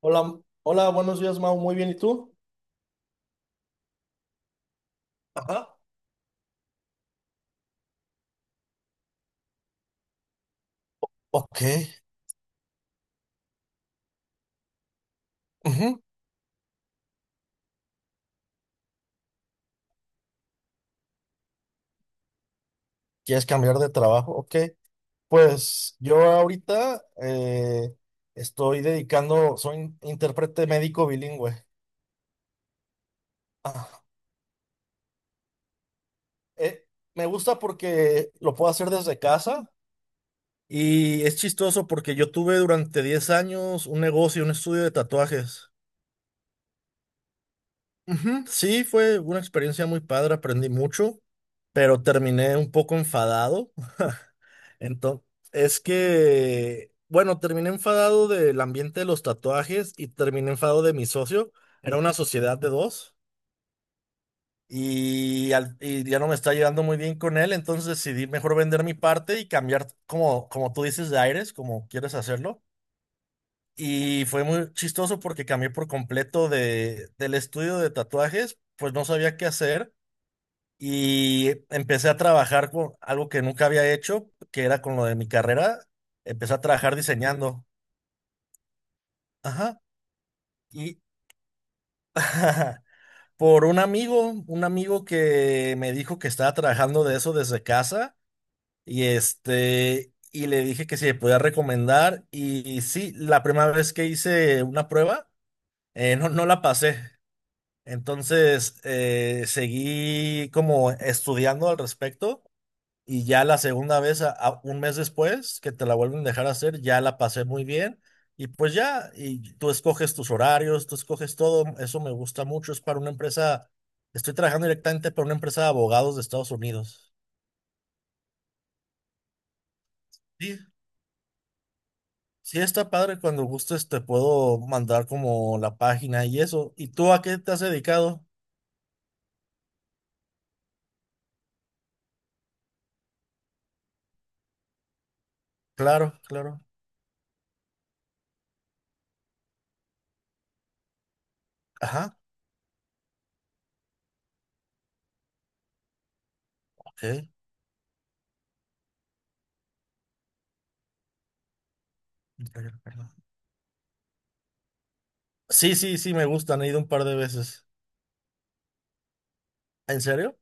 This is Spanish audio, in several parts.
Hola, hola, buenos días, Mau. Muy bien, ¿y tú? Ajá, ok. Ujú. ¿Quieres cambiar de trabajo? Ok. Pues yo ahorita estoy dedicando, soy intérprete médico bilingüe. Ah, eh, me gusta porque lo puedo hacer desde casa y es chistoso porque yo tuve durante 10 años un negocio, un estudio de tatuajes. Ujú. Sí, fue una experiencia muy padre, aprendí mucho, pero terminé un poco enfadado. Entonces, es que, bueno, terminé enfadado del ambiente de los tatuajes y terminé enfadado de mi socio. Era una sociedad de dos y ya no me está llevando muy bien con él, entonces decidí mejor vender mi parte y cambiar, como, como tú dices, de aires, como quieres hacerlo. Y fue muy chistoso porque cambié por completo de, del estudio de tatuajes, pues no sabía qué hacer y empecé a trabajar con algo que nunca había hecho, que era con lo de mi carrera. Empecé a trabajar diseñando. Ajá. Y por un amigo que me dijo que estaba trabajando de eso desde casa y este y le dije que si me podía recomendar y sí, la primera vez que hice una prueba, no la pasé. Entonces seguí como estudiando al respecto. Y ya la segunda vez, un mes después, que te la vuelven a dejar hacer, ya la pasé muy bien. Y pues ya, y tú escoges tus horarios, tú escoges todo. Eso me gusta mucho. Es para una empresa, estoy trabajando directamente para una empresa de abogados de Estados Unidos. Sí, sí está padre. Cuando gustes te puedo mandar como la página y eso. ¿Y tú a qué te has dedicado? Claro, claro. Ajá, ok. Sí, sí, sí, me gustan. He ido un par de veces. ¿En serio?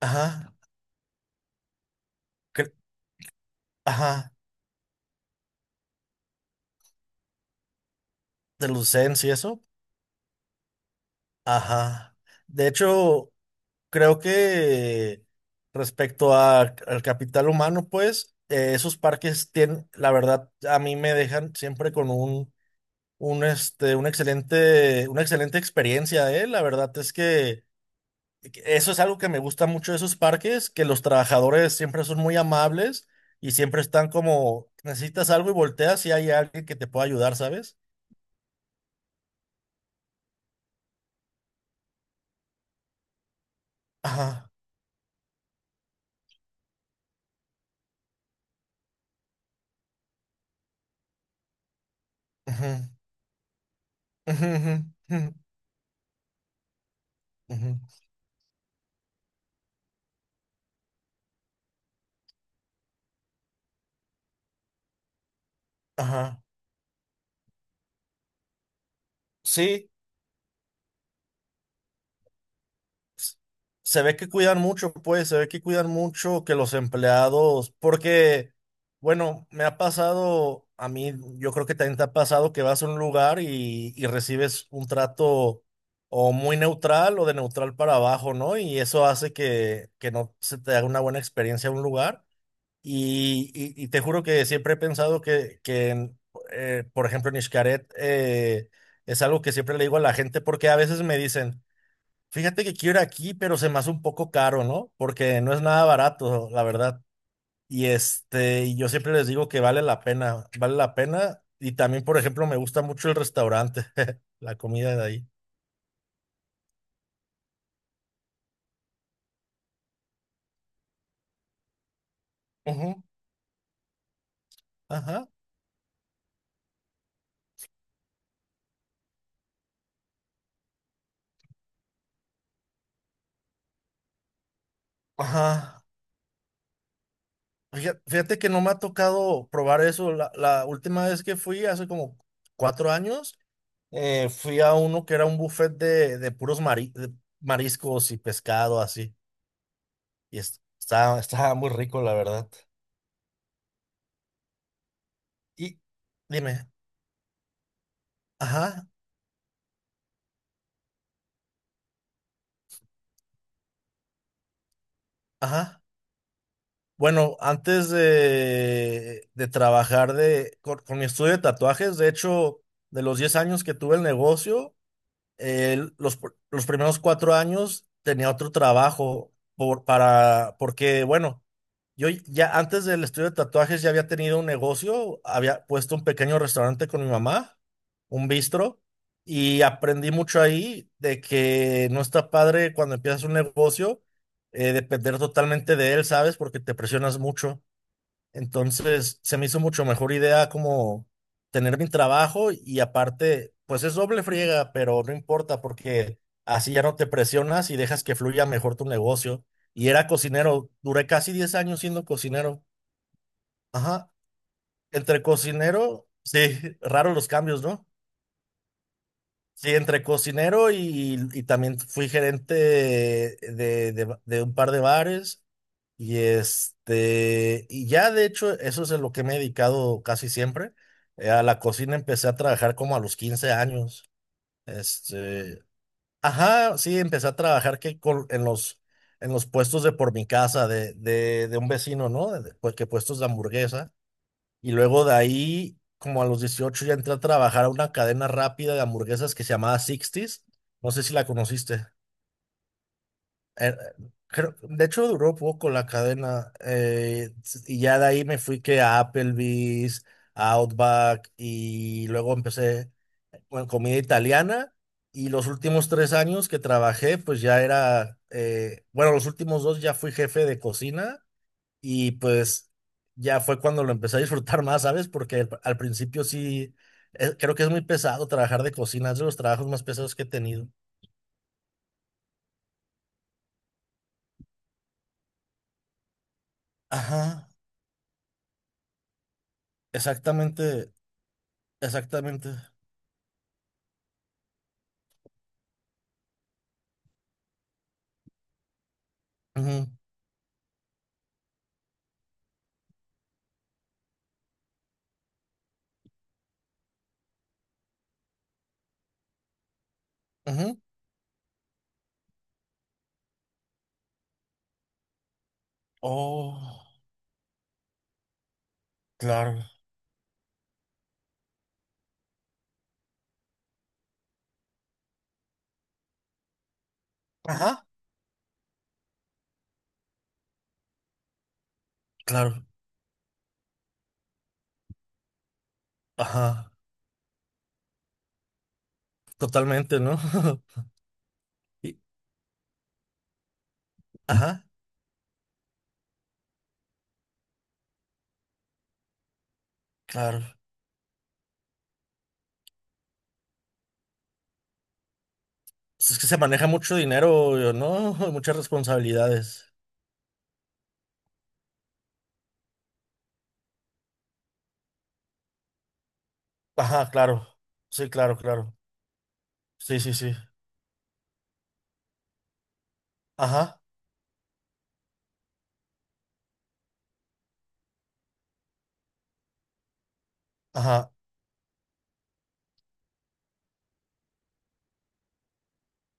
Ajá. cre- Ajá. De Lucens y eso. Ajá. De hecho, creo que respecto al capital humano, pues, esos parques tienen, la verdad, a mí me dejan siempre con un, este, un excelente, una excelente experiencia, ¿eh? La verdad es que eso es algo que me gusta mucho de esos parques, que los trabajadores siempre son muy amables y siempre están como, necesitas algo y volteas y hay alguien que te pueda ayudar, ¿sabes? Ajá. Ujú, ujú, ujú, ujú, ujú. Ajá. Sí, s- se ve que cuidan mucho, pues, se ve que cuidan mucho que los empleados, porque, bueno, me ha pasado, a mí, yo creo que también te ha pasado que vas a un lugar y recibes un trato o muy neutral o de neutral para abajo, ¿no? Y eso hace que no se te haga una buena experiencia a un lugar. Y te juro que siempre he pensado que en, por ejemplo, en Xcaret, es algo que siempre le digo a la gente porque a veces me dicen, fíjate que quiero ir aquí, pero se me hace un poco caro, ¿no? Porque no es nada barato, la verdad. Y este, y yo siempre les digo que vale la pena, vale la pena. Y también, por ejemplo, me gusta mucho el restaurante, la comida de ahí. Ujú, ajá, ajá. Fíjate, fíjate que no me ha tocado probar eso. La última vez que fui, hace como 4 años, fui a uno que era un buffet de puros de mariscos y pescado, así. Y estaba muy rico, la verdad. Y dime, ajá, ajá. Bueno, antes de trabajar con mi estudio de tatuajes, de hecho, de los 10 años que tuve el negocio, los primeros 4 años tenía otro trabajo porque, bueno, yo ya antes del estudio de tatuajes ya había tenido un negocio, había puesto un pequeño restaurante con mi mamá, un bistro, y aprendí mucho ahí de que no está padre cuando empiezas un negocio, depender totalmente de él, ¿sabes? Porque te presionas mucho. Entonces, se me hizo mucho mejor idea como tener mi trabajo y aparte, pues es doble friega, pero no importa porque así ya no te presionas y dejas que fluya mejor tu negocio. Y era cocinero, duré casi 10 años siendo cocinero. Ajá, entre cocinero, sí, raros los cambios, ¿no? Sí, entre cocinero y también fui gerente de un par de bares. Y este, y ya de hecho, eso es a lo que me he dedicado casi siempre. A la cocina empecé a trabajar como a los 15 años. Este, ajá, sí, empecé a trabajar en los puestos de por mi casa, de un vecino, ¿no? Pues, que puestos de hamburguesa. Y luego de ahí, como a los 18 ya entré a trabajar a una cadena rápida de hamburguesas que se llamaba Sixties. No sé si la conociste. Eh, de hecho, duró poco la cadena. Y ya de ahí me fui que a Applebee's, a Outback, y luego empecé con comida italiana. Y los últimos 3 años que trabajé, pues ya era, bueno, los últimos dos ya fui jefe de cocina y pues ya fue cuando lo empecé a disfrutar más, ¿sabes? Porque al principio sí, creo que es muy pesado trabajar de cocina, es de los trabajos más pesados que he tenido. Ajá. Exactamente. Exactamente. Ujú, ujú. Oh, claro. Ajá. Claro, ajá, totalmente, ¿no? Y- ajá, claro. Pues es que se maneja mucho dinero, ¿no? Muchas responsabilidades. Ajá, claro. Sí, claro, claro. Sí, sí, sí. Ajá, ajá.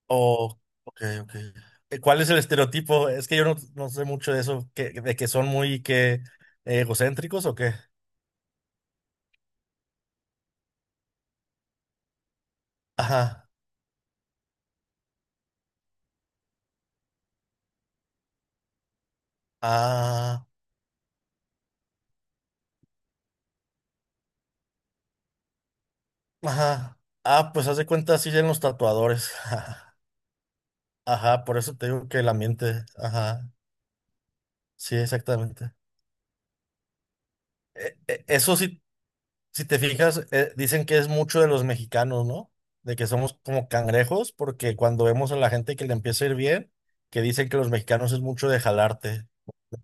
Oh, ok, ok. ¿Cuál es el estereotipo? Es que yo no, no sé mucho de eso, que, de que son muy que egocéntricos o qué. Ajá. Ah. Ajá. Ah, pues haz de cuenta, así en los tatuadores. Ajá, por eso te digo que el ambiente. Ajá, sí, exactamente. Eso sí, si te fijas, dicen que es mucho de los mexicanos, ¿no? De que somos como cangrejos, porque cuando vemos a la gente que le empieza a ir bien, que dicen que los mexicanos es mucho de jalarte,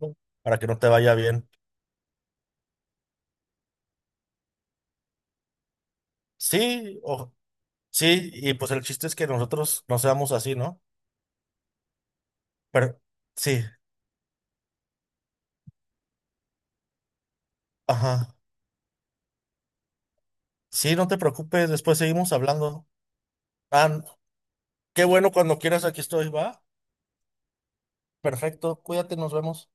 ¿no? Para que no te vaya bien. Sí, o, sí, y pues el chiste es que nosotros no seamos así, ¿no? Pero sí, ajá. Sí, no te preocupes, después seguimos hablando. Ah, qué bueno, cuando quieras, aquí estoy, va. Perfecto, cuídate, nos vemos.